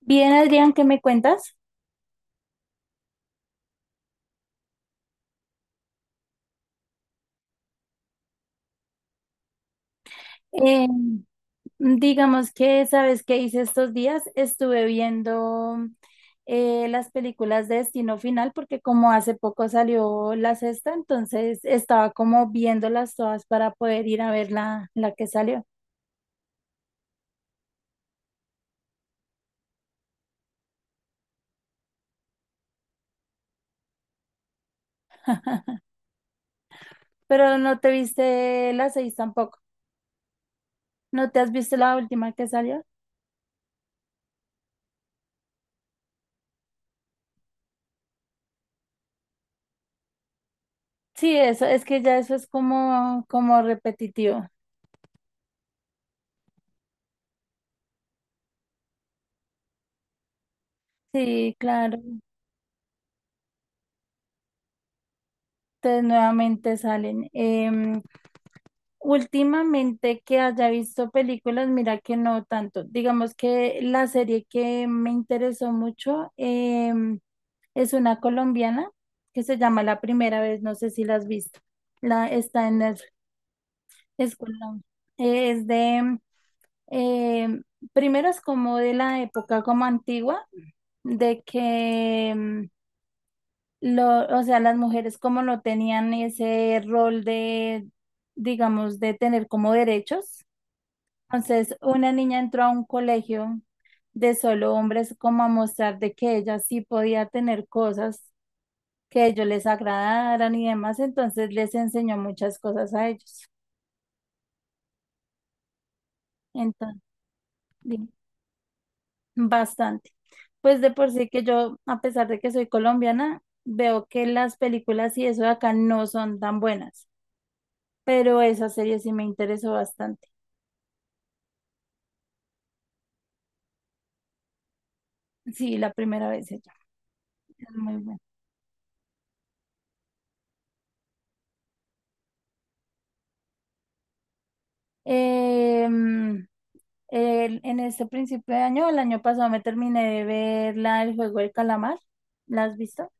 Bien, Adrián, ¿qué me cuentas? Eh, digamos que, ¿sabes qué hice estos días? Estuve viendo las películas de Destino Final porque como hace poco salió la sexta, entonces estaba como viéndolas todas para poder ir a ver la que salió. Pero no te viste la seis tampoco. ¿No te has visto la última que salió? Sí, eso, es que ya eso es como, como repetitivo. Sí, claro. Entonces nuevamente salen. Últimamente que haya visto películas, mira que no tanto. Digamos que la serie que me interesó mucho em, es una colombiana que se llama La Primera Vez, no sé si la has visto. La, está en Netflix, es, es de, em, primero es como de la época como antigua, de que em, lo, o sea, las mujeres como no tenían ese rol de, digamos, de tener como derechos. Entonces, una niña entró a un colegio de solo hombres como a mostrar de que ella sí podía tener cosas que a ellos les agradaran y demás, entonces les enseñó muchas cosas a ellos. Entonces, di- bastante. Pues de por sí que yo, a pesar de que soy colombiana, veo que las películas y eso de acá no son tan buenas, pero esa serie sí me interesó bastante. Sí, la primera vez ella. Es muy buena. Em, en este principio de año, el año pasado me terminé de ver la del juego del calamar. ¿La has visto?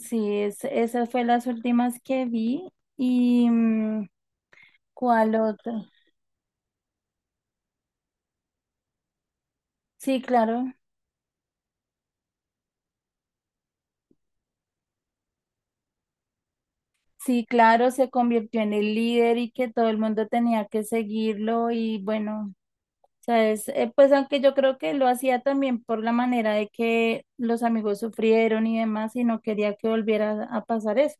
Sí, es, esas fue las últimas que vi. ¿Y cuál otra? Sí, claro. Sí, claro, se convirtió en el líder y que todo el mundo tenía que seguirlo y bueno, sabes. Pues aunque yo creo que lo hacía también por la manera de que los amigos sufrieron y demás y no quería que volviera a pasar eso.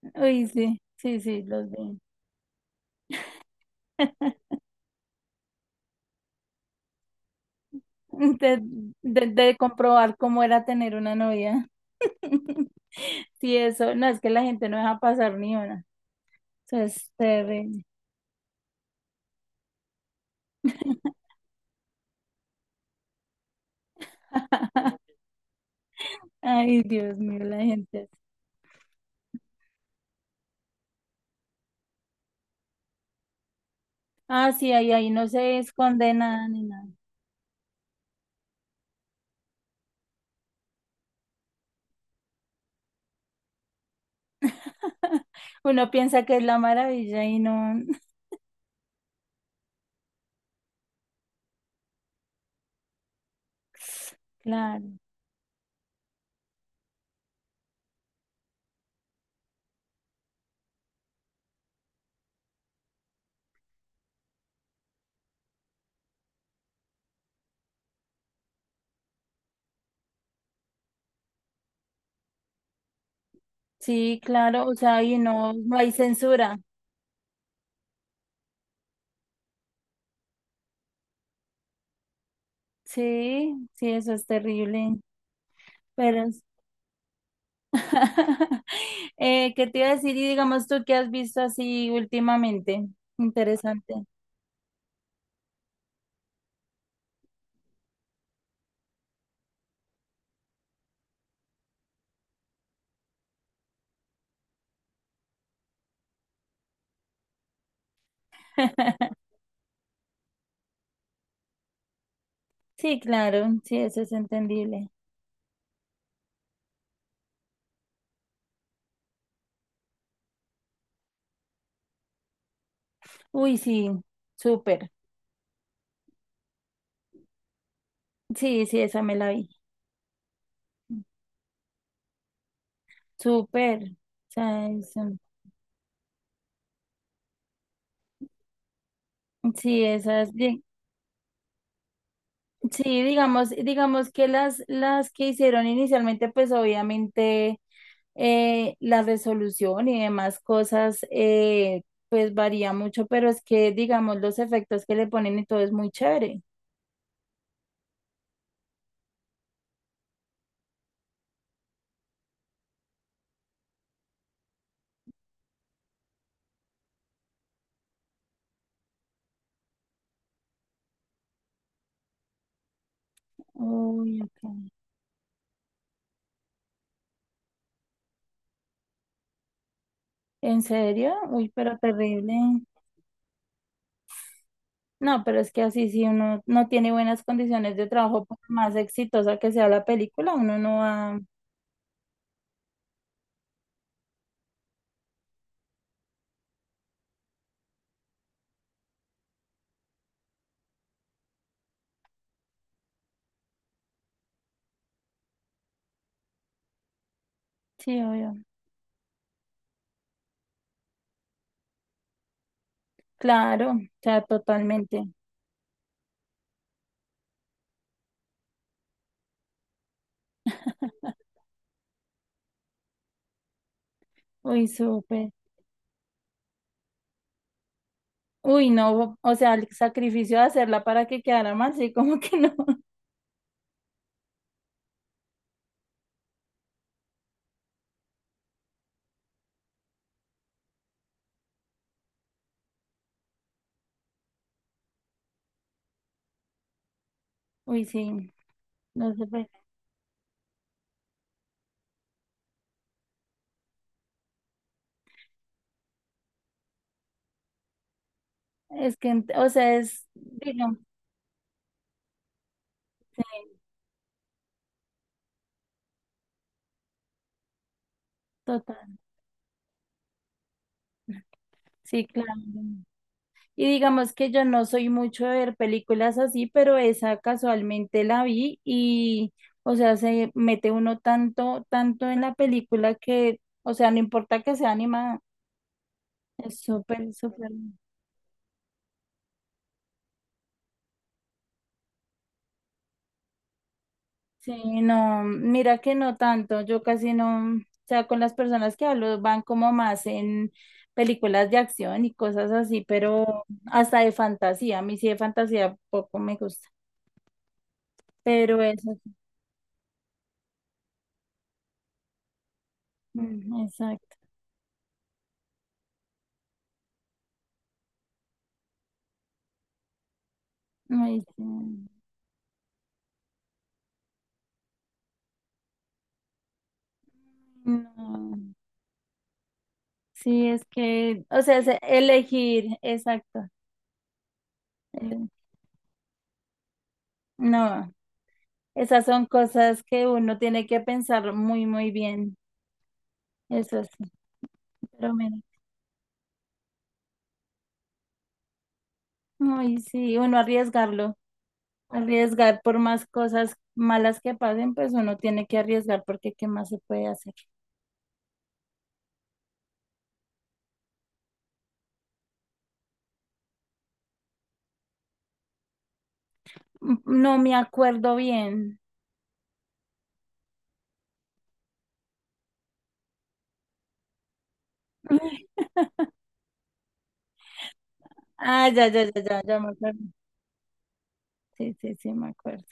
Uy, sí, sí, sí, los vi. de, de comprobar cómo era tener una novia. Sí, eso, no, es que la gente no deja pasar ni una. Eso es terrible. Ay, Dios mío, la gente. Ah, sí, ahí, ahí no se esconde nada ni nada. Uno piensa que es la maravilla y no. Claro, sí, claro, o sea, y no, no hay censura. Sí, sí, eso es terrible. Pero ¿qué te iba a decir? Y digamos tú, ¿qué has visto así últimamente? Interesante. Sí, claro, sí, eso es entendible. Uy, sí, súper. Sí, sí, esa me la vi. Súper. O sea, sí, esas, sí, digamos, digamos que las que hicieron inicialmente, pues obviamente la resolución y demás cosas, pues varía mucho, pero es que, digamos, los efectos que le ponen y todo es muy chévere. Uy, ok. ¿En serio? Uy, pero terrible. No, pero es que así si uno no tiene buenas condiciones de trabajo, por más exitosa que sea la película, uno no va... Sí, obvio. Claro, o sea, totalmente. Uy, súper. Uy, no, o sea, el sacrificio de hacerla para que quedara mal, sí, como que no. Uy, sí, no sé, pues. Es que, o sea, es, digamos, sí, total. Sí, claro. Y digamos que yo no soy mucho de ver películas así, pero esa casualmente la vi y, o sea, se mete uno tanto, tanto en la película que, o sea, no importa que sea animada, es súper, súper. Sí, no, mira que no tanto, yo casi no, o sea, con las personas que hablo van como más en películas de acción y cosas así, pero hasta de fantasía, a mí sí de fantasía poco me gusta, pero eso, sí, mm, exacto, ay, sí, no, sí, es que, o sea, es elegir, exacto, eh, no, esas son cosas que uno tiene que pensar muy, muy bien, eso sí, pero mira, ay, sí, uno arriesgarlo. Arriesgar por más cosas malas que pasen, pues uno tiene que arriesgar porque ¿qué más se puede hacer? Mm, no me acuerdo bien. Ah, ya me acuerdo. Sí, sí, sí, me acuerdo.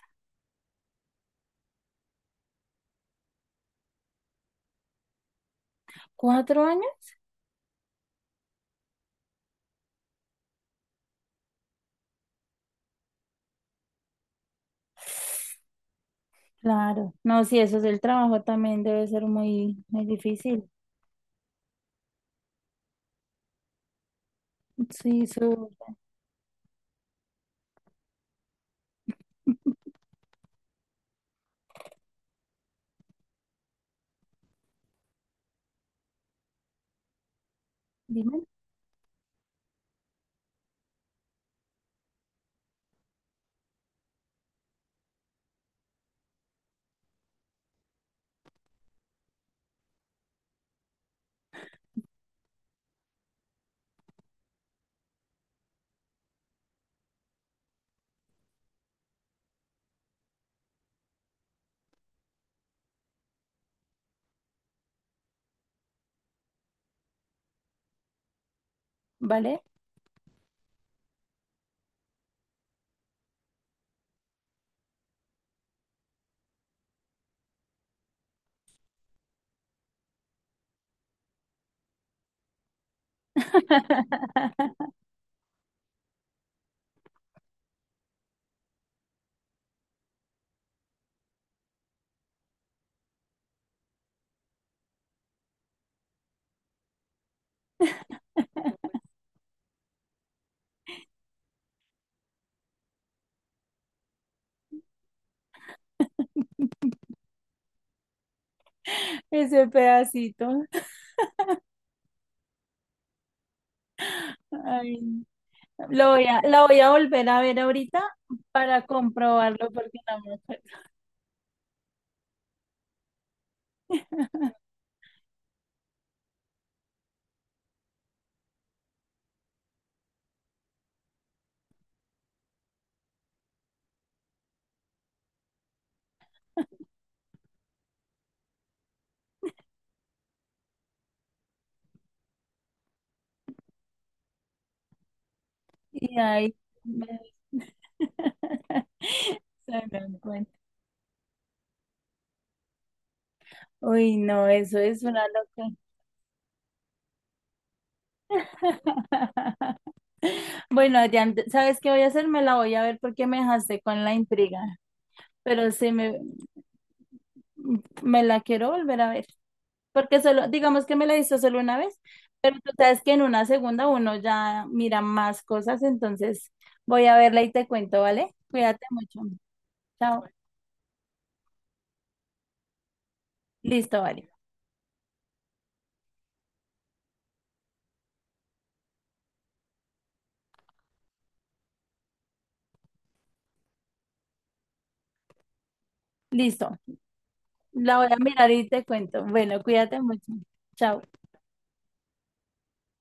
¿4 años? Claro. No, sí, eso es el trabajo también debe ser muy, muy difícil. Sí, su... Dime, ¿vale? Ese pedacito. Ay, no. Lo voy a, la voy a volver a ver ahorita para comprobarlo porque no me acuerdo. Y ahí me- se me cuenta. Uy, no, eso es una locura. Bueno, Adrián, ¿sabes qué voy a hacer? Me la voy a ver porque me dejaste con la intriga, pero me la quiero volver a ver. Porque solo, digamos que me la hizo solo una vez, pero tú sabes que en una segunda uno ya mira más cosas, entonces voy a verla y te cuento, ¿vale? Cuídate mucho. Chao. Listo, vale. Listo. La voy a mirar y te cuento. Bueno, cuídate mucho. Chao.